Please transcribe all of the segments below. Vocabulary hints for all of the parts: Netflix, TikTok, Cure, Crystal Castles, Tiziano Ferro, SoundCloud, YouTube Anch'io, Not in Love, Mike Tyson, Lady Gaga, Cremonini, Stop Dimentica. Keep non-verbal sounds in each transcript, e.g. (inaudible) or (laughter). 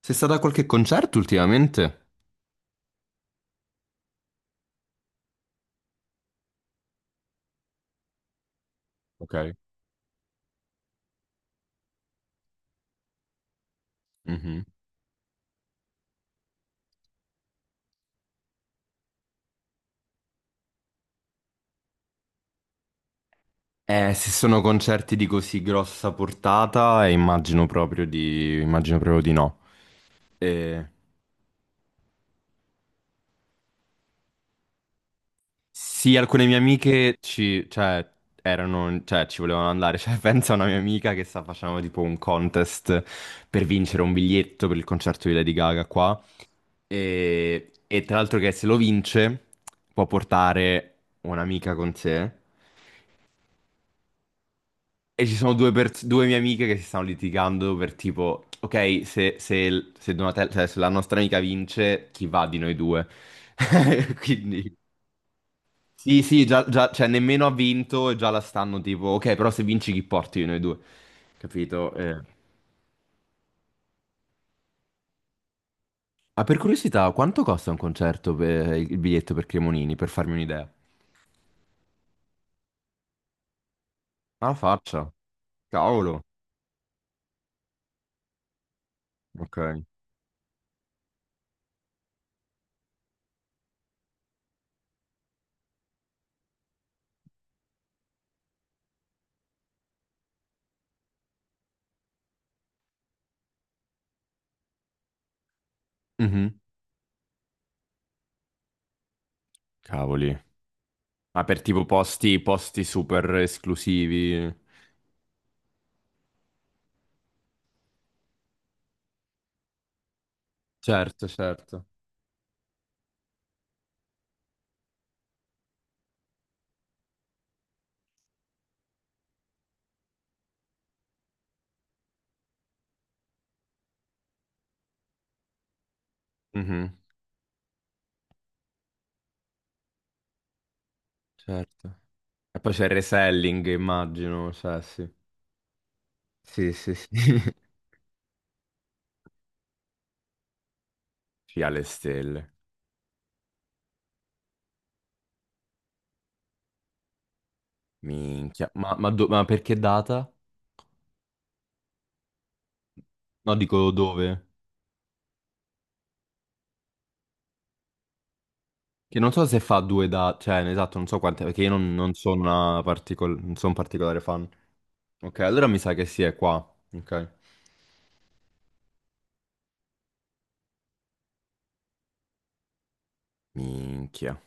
Sei stata a qualche concerto ultimamente? Ok. Mhm. Se sono concerti di così grossa portata, immagino proprio immagino proprio di no. Eh, sì, alcune mie amiche cioè, cioè, ci volevano andare. Cioè, (laughs) pensa a una mia amica che sta facendo tipo un contest per vincere un biglietto per il concerto di Lady Gaga qua. E tra l'altro che se lo vince può portare un'amica con sé. E ci sono due, due mie amiche che si stanno litigando per tipo, ok, se Donatella, cioè se la nostra amica vince, chi va di noi due? (laughs) Quindi, sì, sì, cioè nemmeno ha vinto e già la stanno tipo, ok, però se vinci chi porti di noi due? Capito? Ma per curiosità, quanto costa un concerto per il biglietto per Cremonini, per farmi un'idea? Alla faccia. Cavolo. Ok. Mhm. Cavoli. Ma per tipo posti super esclusivi. Certo, certo. Mhm, certo. E poi c'è il reselling, immagino, cioè sì. Sì, sì, sì. (laughs) Sì, alle stelle. Minchia. Ma perché data? No, dico dove? Che non so se fa due date, cioè, esatto, non so quante, perché io non sono non sono un particolare fan. Ok, allora mi sa che sì, è qua. Ok. Minchia.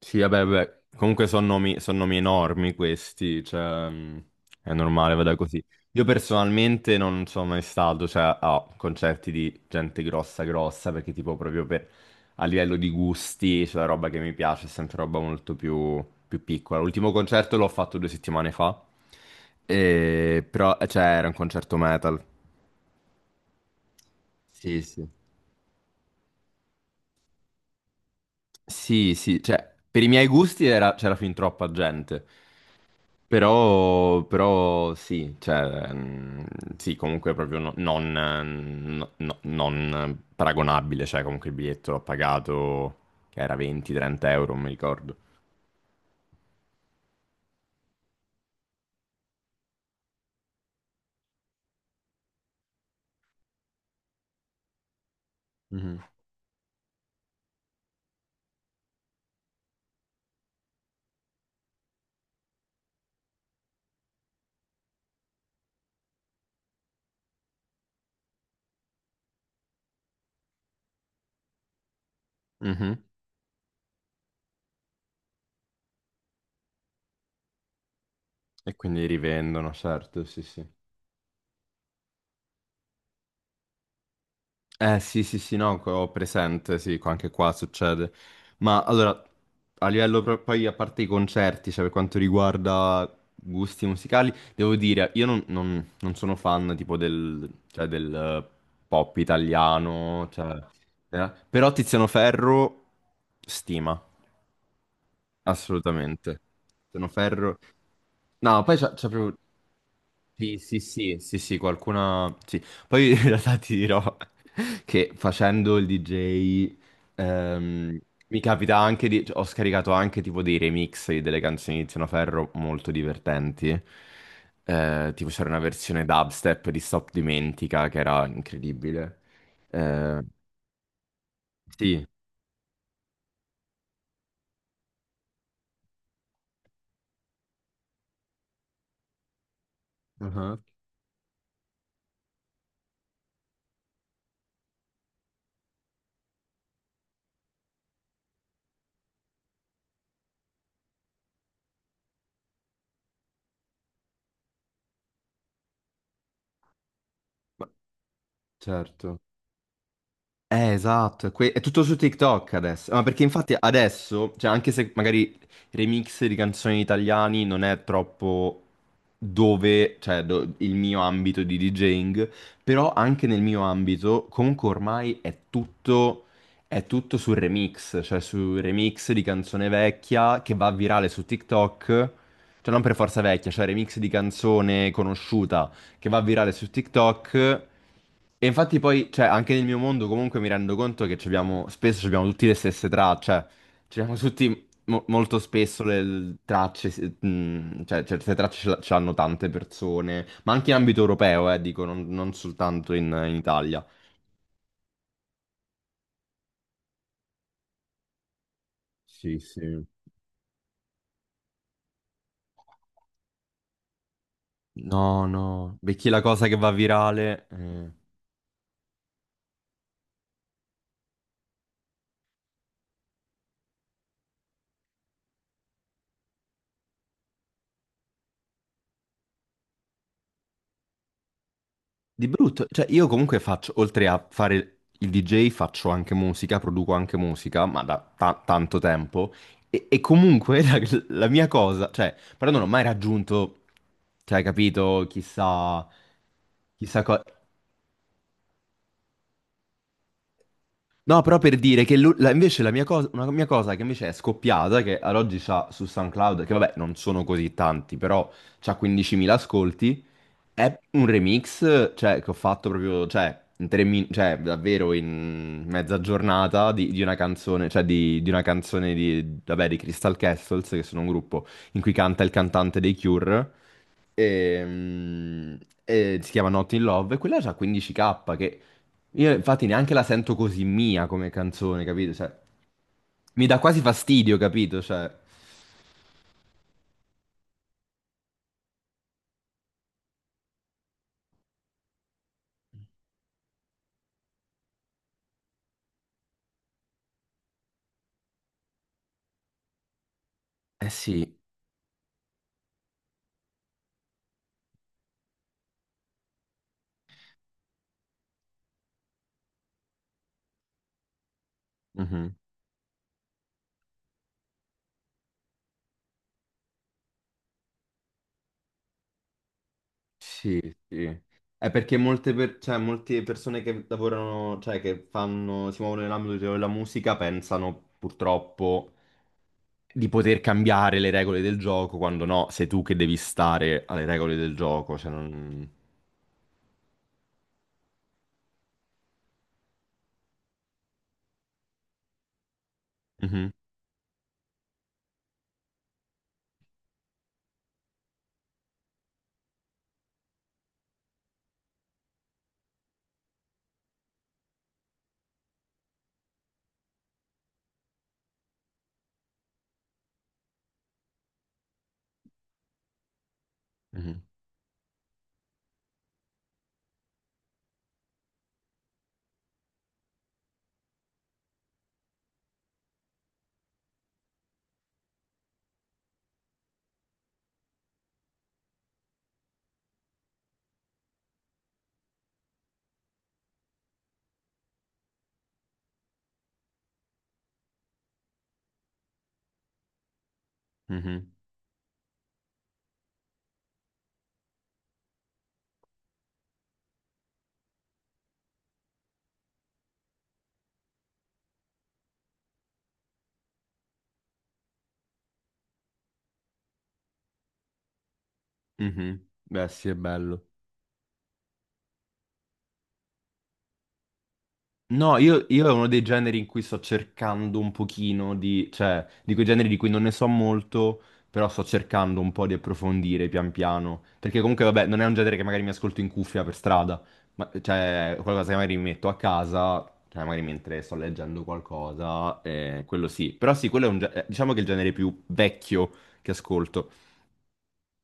Sì, vabbè, vabbè. Comunque son nomi enormi questi, cioè è normale, vada così. Io personalmente non sono mai stato, cioè, a concerti di gente grossa grossa, perché tipo proprio per, a livello di gusti, cioè la roba che mi piace è sempre roba molto più piccola. L'ultimo concerto l'ho fatto due settimane fa, però, cioè, era un concerto metal. Sì, sì. Sì, sì, cioè, per i miei gusti c'era fin troppa gente. Però sì, cioè, sì, comunque proprio no- non, no- no- non paragonabile, cioè comunque il biglietto l'ho pagato, che era 20-30 euro, non mi ricordo. Mhm. Mhm. E quindi rivendono, certo, sì, sì. Eh sì, sì, sì, no, ho presente, sì, anche qua succede. Ma allora, a livello poi, a parte i concerti, cioè per quanto riguarda gusti musicali, devo dire, io non sono fan tipo del, cioè, del pop italiano, cioè, però Tiziano Ferro, stima assolutamente. Sono ferro. No, poi c'è proprio... Sì, sì, sì, sì, sì, qualcuna... Sì. Poi (laughs) in realtà ti dirò (laughs) che facendo il DJ ehm, mi capita anche cioè, ho scaricato anche tipo dei remix di delle canzoni di Tiziano Ferro molto divertenti. Tipo c'era una versione dubstep di Stop Dimentica che era incredibile. Eh, sì. Uh-huh. Ma- Certo. Esatto, è tutto su TikTok adesso. Ma perché infatti adesso, cioè anche se magari remix di canzoni italiani non è troppo dove, cioè il mio ambito di DJing, però anche nel mio ambito comunque ormai è tutto sul remix, cioè su remix di canzone vecchia che va virale su TikTok, cioè non per forza vecchia, cioè remix di canzone conosciuta che va virale su TikTok. E infatti poi, cioè, anche nel mio mondo comunque mi rendo conto che ci abbiamo, spesso ci abbiamo tutti le stesse tracce, cioè, ci abbiamo tutti molto spesso le tracce, cioè, certe tracce ce l'hanno tante persone, ma anche in ambito europeo, dico, non soltanto in Italia. Sì, sì. No, no, perché la cosa che va virale.... Di brutto, cioè io comunque faccio, oltre a fare il DJ, faccio anche musica, produco anche musica, ma da tanto tempo, e comunque (laughs) la mia cosa, cioè, però non ho mai raggiunto, cioè, hai capito, chissà, chissà cosa... No, però per dire che invece una mia cosa che invece è scoppiata, che ad oggi c'ha su SoundCloud, che vabbè non sono così tanti, però c'ha 15.000 ascolti. È un remix, cioè, che ho fatto proprio, cioè, cioè, davvero in mezza giornata di una canzone, cioè, di una canzone di, vabbè, di Crystal Castles, che sono un gruppo in cui canta il cantante dei Cure, e, mm, e si chiama Not in Love, e quella ha 15K, che io infatti neanche la sento così mia come canzone, capito? Cioè, mi dà quasi fastidio, capito? Cioè, eh sì. Mhm. Sì, sì. È perché cioè, molte persone che lavorano, cioè che fanno, si muovono nell'ambito della musica pensano purtroppo di poter cambiare le regole del gioco, quando no, sei tu che devi stare alle regole del gioco. Cioè non... Mhm, mhm, mhm, mhm. Beh, sì, è bello. No, io è uno dei generi in cui sto cercando un pochino di, cioè, di quei generi di cui non ne so molto, però sto cercando un po' di approfondire pian piano, perché comunque, vabbè, non è un genere che magari mi ascolto in cuffia per strada, ma, cioè, è qualcosa che magari mi metto a casa, cioè, magari mentre sto leggendo qualcosa, quello sì, però sì, quello è diciamo che è il genere più vecchio che ascolto.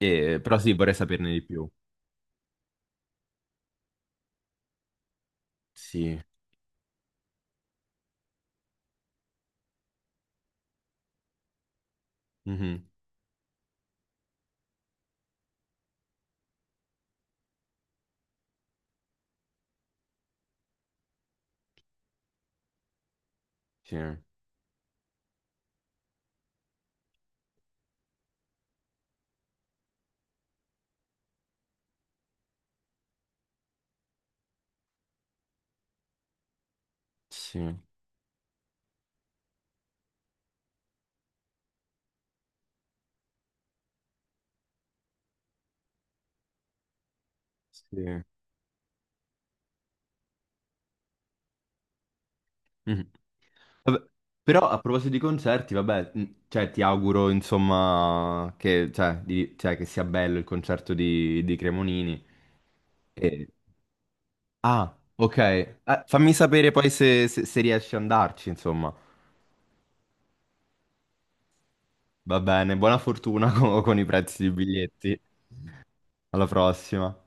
Però sì, vorrei saperne di più. Sì, mhm. Sì, sì, sì. Mhm. Vabbè, però a proposito di concerti, vabbè, cioè, ti auguro insomma che, cioè, cioè, che sia bello il concerto di Cremonini. E- Ah, ok. Fammi sapere poi se riesci ad andarci, insomma. Va bene, buona fortuna (laughs) con i prezzi dei biglietti. Alla prossima.